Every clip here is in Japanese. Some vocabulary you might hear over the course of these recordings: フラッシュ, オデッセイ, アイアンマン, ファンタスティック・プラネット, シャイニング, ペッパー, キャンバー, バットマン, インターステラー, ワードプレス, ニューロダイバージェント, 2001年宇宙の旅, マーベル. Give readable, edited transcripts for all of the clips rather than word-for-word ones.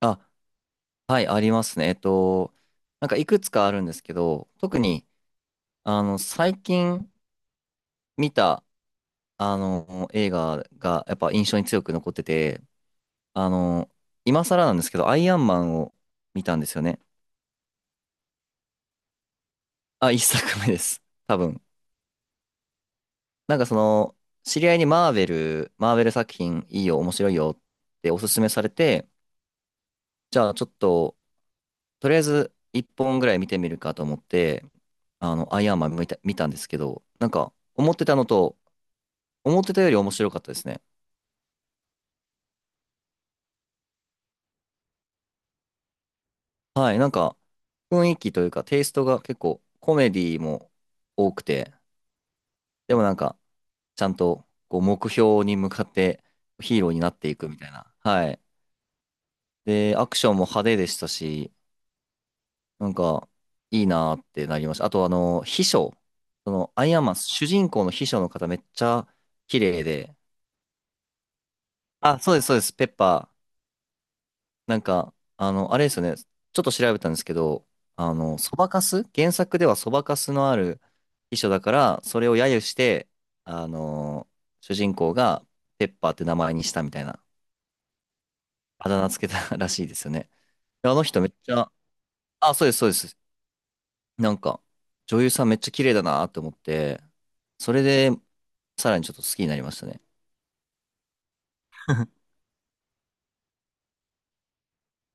あ、はい、ありますね。なんかいくつかあるんですけど、特に、最近見た、映画がやっぱ印象に強く残ってて、あの、今更なんですけど、アイアンマンを見たんですよね。あ、一作目です。多分。なんかその、知り合いにマーベル作品いいよ、面白いよっておすすめされて、じゃあちょっと、とりあえず一本ぐらい見てみるかと思って、アイアンマン見たんですけど、なんか、思ってたより面白かったですね。はい、なんか、雰囲気というか、テイストが結構、コメディも多くて、でもなんか、ちゃんと、こう、目標に向かって、ヒーローになっていくみたいな。はい。で、アクションも派手でしたし、なんか、いいなーってなりました。あと、あの、秘書、その、アイアンマン、主人公の秘書の方、めっちゃ、綺麗で、あ、そうです、そうです、ペッパー。なんか、あれですよね。ちょっと調べたんですけど、あの、そばかす原作ではそばかすのある秘書だから、それを揶揄して、あの、主人公がペッパーって名前にしたみたいな、あだ名つけた らしいですよね。であの人めっちゃ、あ、そうです、そうです。なんか、女優さんめっちゃ綺麗だなって思って、それで、さらにちょっと好きになりましたね。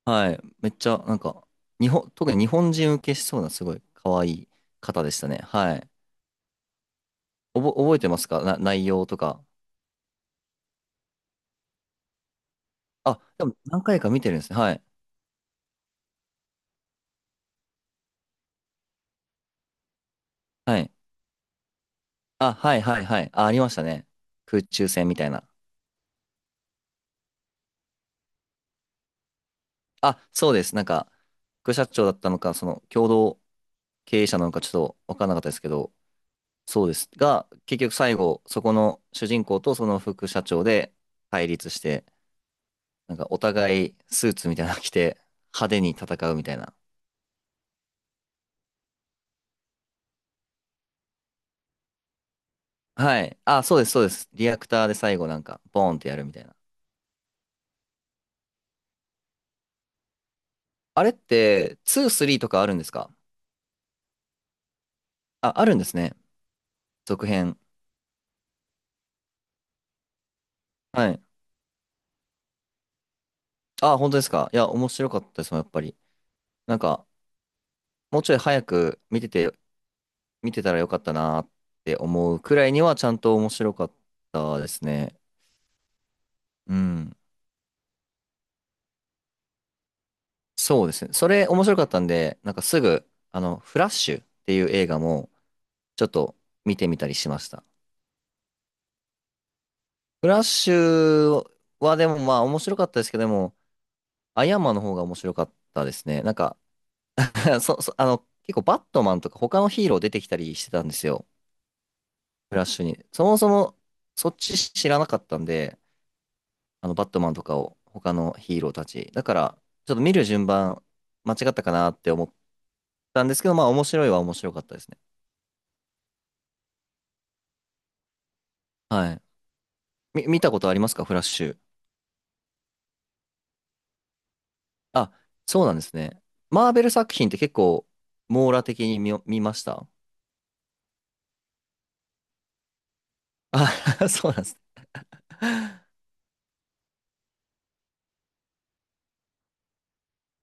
はい。めっちゃ、なんか、特に日本人受けしそうな、すごい可愛い方でしたね。はい。覚えてますかな、内容とか？あ、でも何回か見てるんですね。はい。はい。あ、はいはいはい。あ、ありましたね。空中戦みたいな。あ、そうです。なんか、副社長だったのか、その共同経営者なのかちょっと分からなかったですけど、そうです。が、結局最後、そこの主人公とその副社長で対立して、なんかお互いスーツみたいなの着て派手に戦うみたいな。はい。あ、そうです、そうです。リアクターで最後なんか、ボーンってやるみたいな。あれって、2、3とかあるんですか？あ、あるんですね。続編。はい。あ、本当ですか。いや、面白かったですもん、やっぱり。なんか、もうちょい早く見てたらよかったなーって思うくらいには、ちゃんと面白かったですね。うん。そうですね。それ、面白かったんで、なんかすぐ、フラッシュっていう映画も、ちょっと見てみたりしました。フラッシュは、でもまあ、面白かったですけども、アイアンマンの方が面白かったですね。なんか そ、そ、あの、結構バットマンとか他のヒーロー出てきたりしてたんですよ。フラッシュに。そもそも、そっち知らなかったんで、バットマンとかを、他のヒーローたち。だから、ちょっと見る順番、間違ったかなって思ったんですけど、まあ、面白いは面白かったですね。はい。見たことありますか、フラッシュ？あ、そうなんですね。マーベル作品って結構、網羅的に見ました？あ、そうなんですね。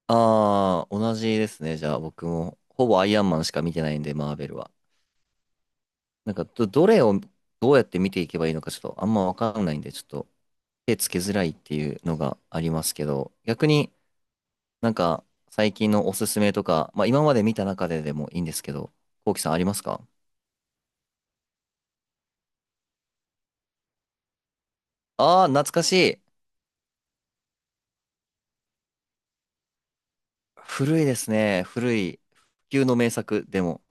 ああ、同じですね。じゃあ、僕も、ほぼアイアンマンしか見てないんで、マーベルは。なんかどれをどうやって見ていけばいいのか、ちょっとあんまわかんないんで、ちょっと手つけづらいっていうのがありますけど、逆になんか最近のおすすめとか、まあ今まで見た中ででもいいんですけど、こうきさんありますか？ああー、懐かしい。古いですね。古い。不朽の名作でも。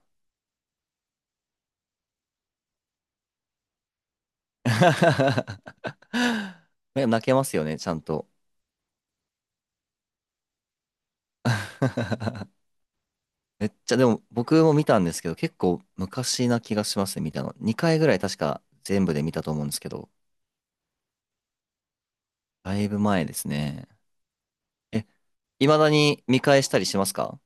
ね、泣けますよね、ちゃんと。めっちゃ、でも僕も見たんですけど、結構昔な気がしますね、見たの。2回ぐらい確か全部で見たと思うんですけど、だいぶ前ですね。え、未だに見返したりしますか？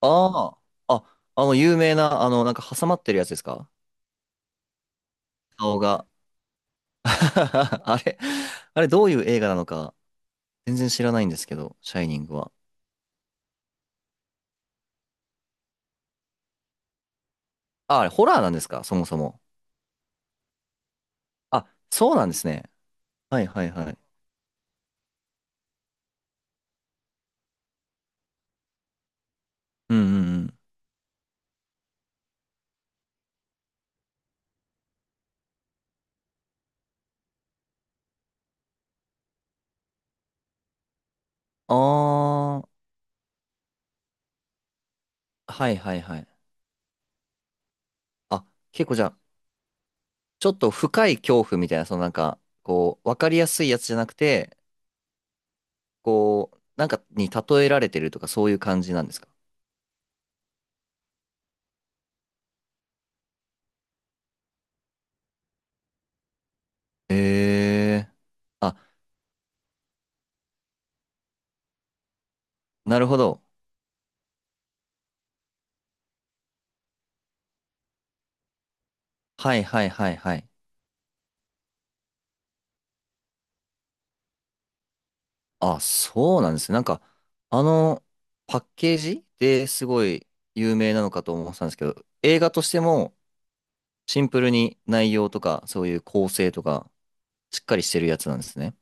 ああ、あ、有名な、なんか挟まってるやつですか、顔が？あれ、あれ、どういう映画なのか、全然知らないんですけど、シャイニングは。あ、あれ、ホラーなんですか、そもそも？あ、そうなんですね。はいはいはい。うんうんうん。ああ、はいはいはい。あ、結構じゃあ、ちょっと深い恐怖みたいな、そのなんか、こう、わかりやすいやつじゃなくて、こう、なんかに例えられてるとか、そういう感じなんですか？へえ。あ、なるほど。はいはいはいはい。あ、そうなんですね。なんか、あの、パッケージですごい有名なのかと思ってたんですけど、映画としてもシンプルに内容とか、そういう構成とか、しっかりしてるやつなんですね。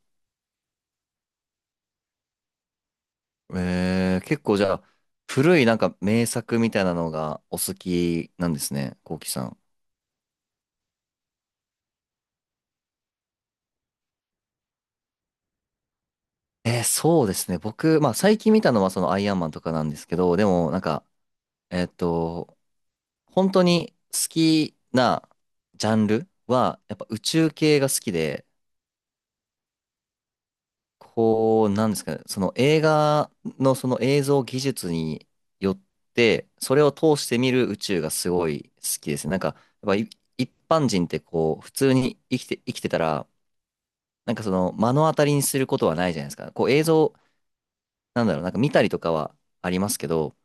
えー、結構じゃあ、古いなんか名作みたいなのがお好きなんですね、こうきさん。そうですね。僕、まあ最近見たのはそのアイアンマンとかなんですけど、でもなんか、えっと、本当に好きなジャンルは、やっぱ宇宙系が好きで、こう、なんですかね、その映画のその映像技術によって、それを通して見る宇宙がすごい好きですね。なんか、やっぱい一般人ってこう、普通に生きてたら、なんかその目の当たりにすることはないじゃないですか。こう映像、なんだろう、なんか見たりとかはありますけど、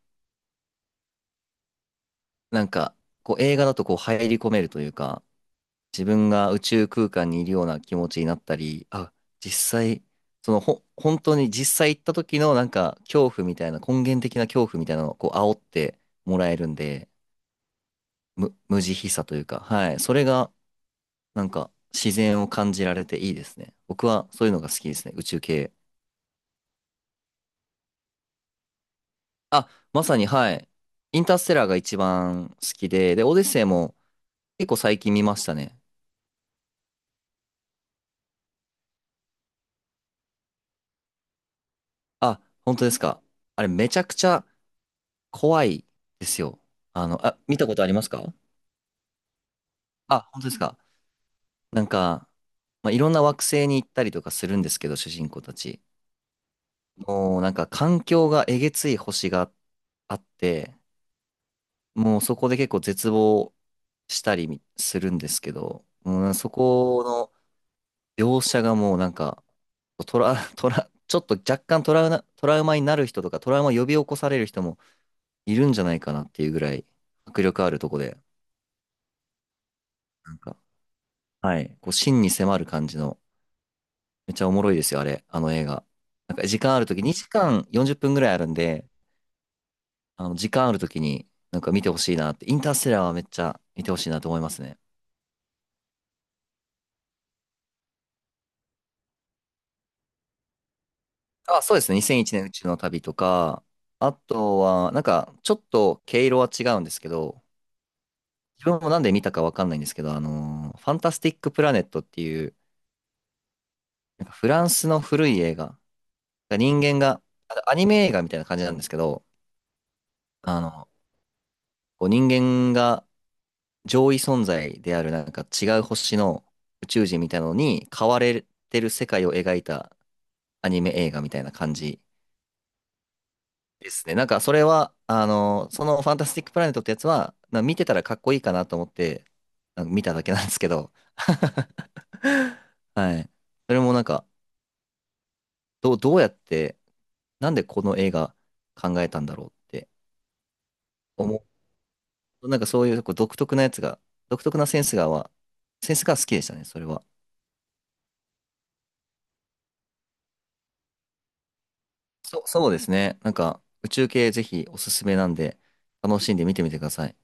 なんか、こう映画だとこう入り込めるというか、自分が宇宙空間にいるような気持ちになったり、あ、実際、そのほ、本当に実際行った時のなんか恐怖みたいな、根源的な恐怖みたいなのをこう煽ってもらえるんで、無慈悲さというか、はい、それがなんか自然を感じられていいですね。僕はそういうのが好きですね、宇宙系。あ、まさにはい、インターステラーが一番好きで、で、オデッセイも結構最近見ましたね。あ、本当ですか。あれめちゃくちゃ怖いですよ。あ、見たことありますか？あ、本当ですか。なんか、まあ、いろんな惑星に行ったりとかするんですけど、主人公たち。もうなんか環境がえげつい星があって、もうそこで結構絶望したりみするんですけど、うん、そこの描写がもうなんか、トラ、トラ、ちょっと若干トラウマになる人とか、トラウマを呼び起こされる人もいるんじゃないかなっていうぐらい迫力あるとこで、なんか、はい。こう、真に迫る感じの、めっちゃおもろいですよ、あれ、あの映画。なんか時間あるとき、2時間40分ぐらいあるんで、時間あるときになんか見てほしいなって、インターステラーはめっちゃ見てほしいなと思いますね。あ、そうですね。2001年宇宙の旅とか、あとは、なんか、ちょっと毛色は違うんですけど、自分もなんで見たかわかんないんですけど、ファンタスティック・プラネットっていう、なんかフランスの古い映画、人間が、あアニメ映画みたいな感じなんですけど、あの、こう人間が上位存在であるなんか違う星の宇宙人みたいなのに変われてる世界を描いたアニメ映画みたいな感じですね。なんかそれは、そのファンタスティックプラネットってやつは、見てたらかっこいいかなと思って、見ただけなんですけど。はい。それもなんか、どうやって、なんでこの映画考えたんだろうって思う。なんかそういうこう独特なやつが、独特なセンスが好きでしたね、それは。そうですね。なんか、宇宙系ぜひおすすめなんで、楽しんで見てみてください。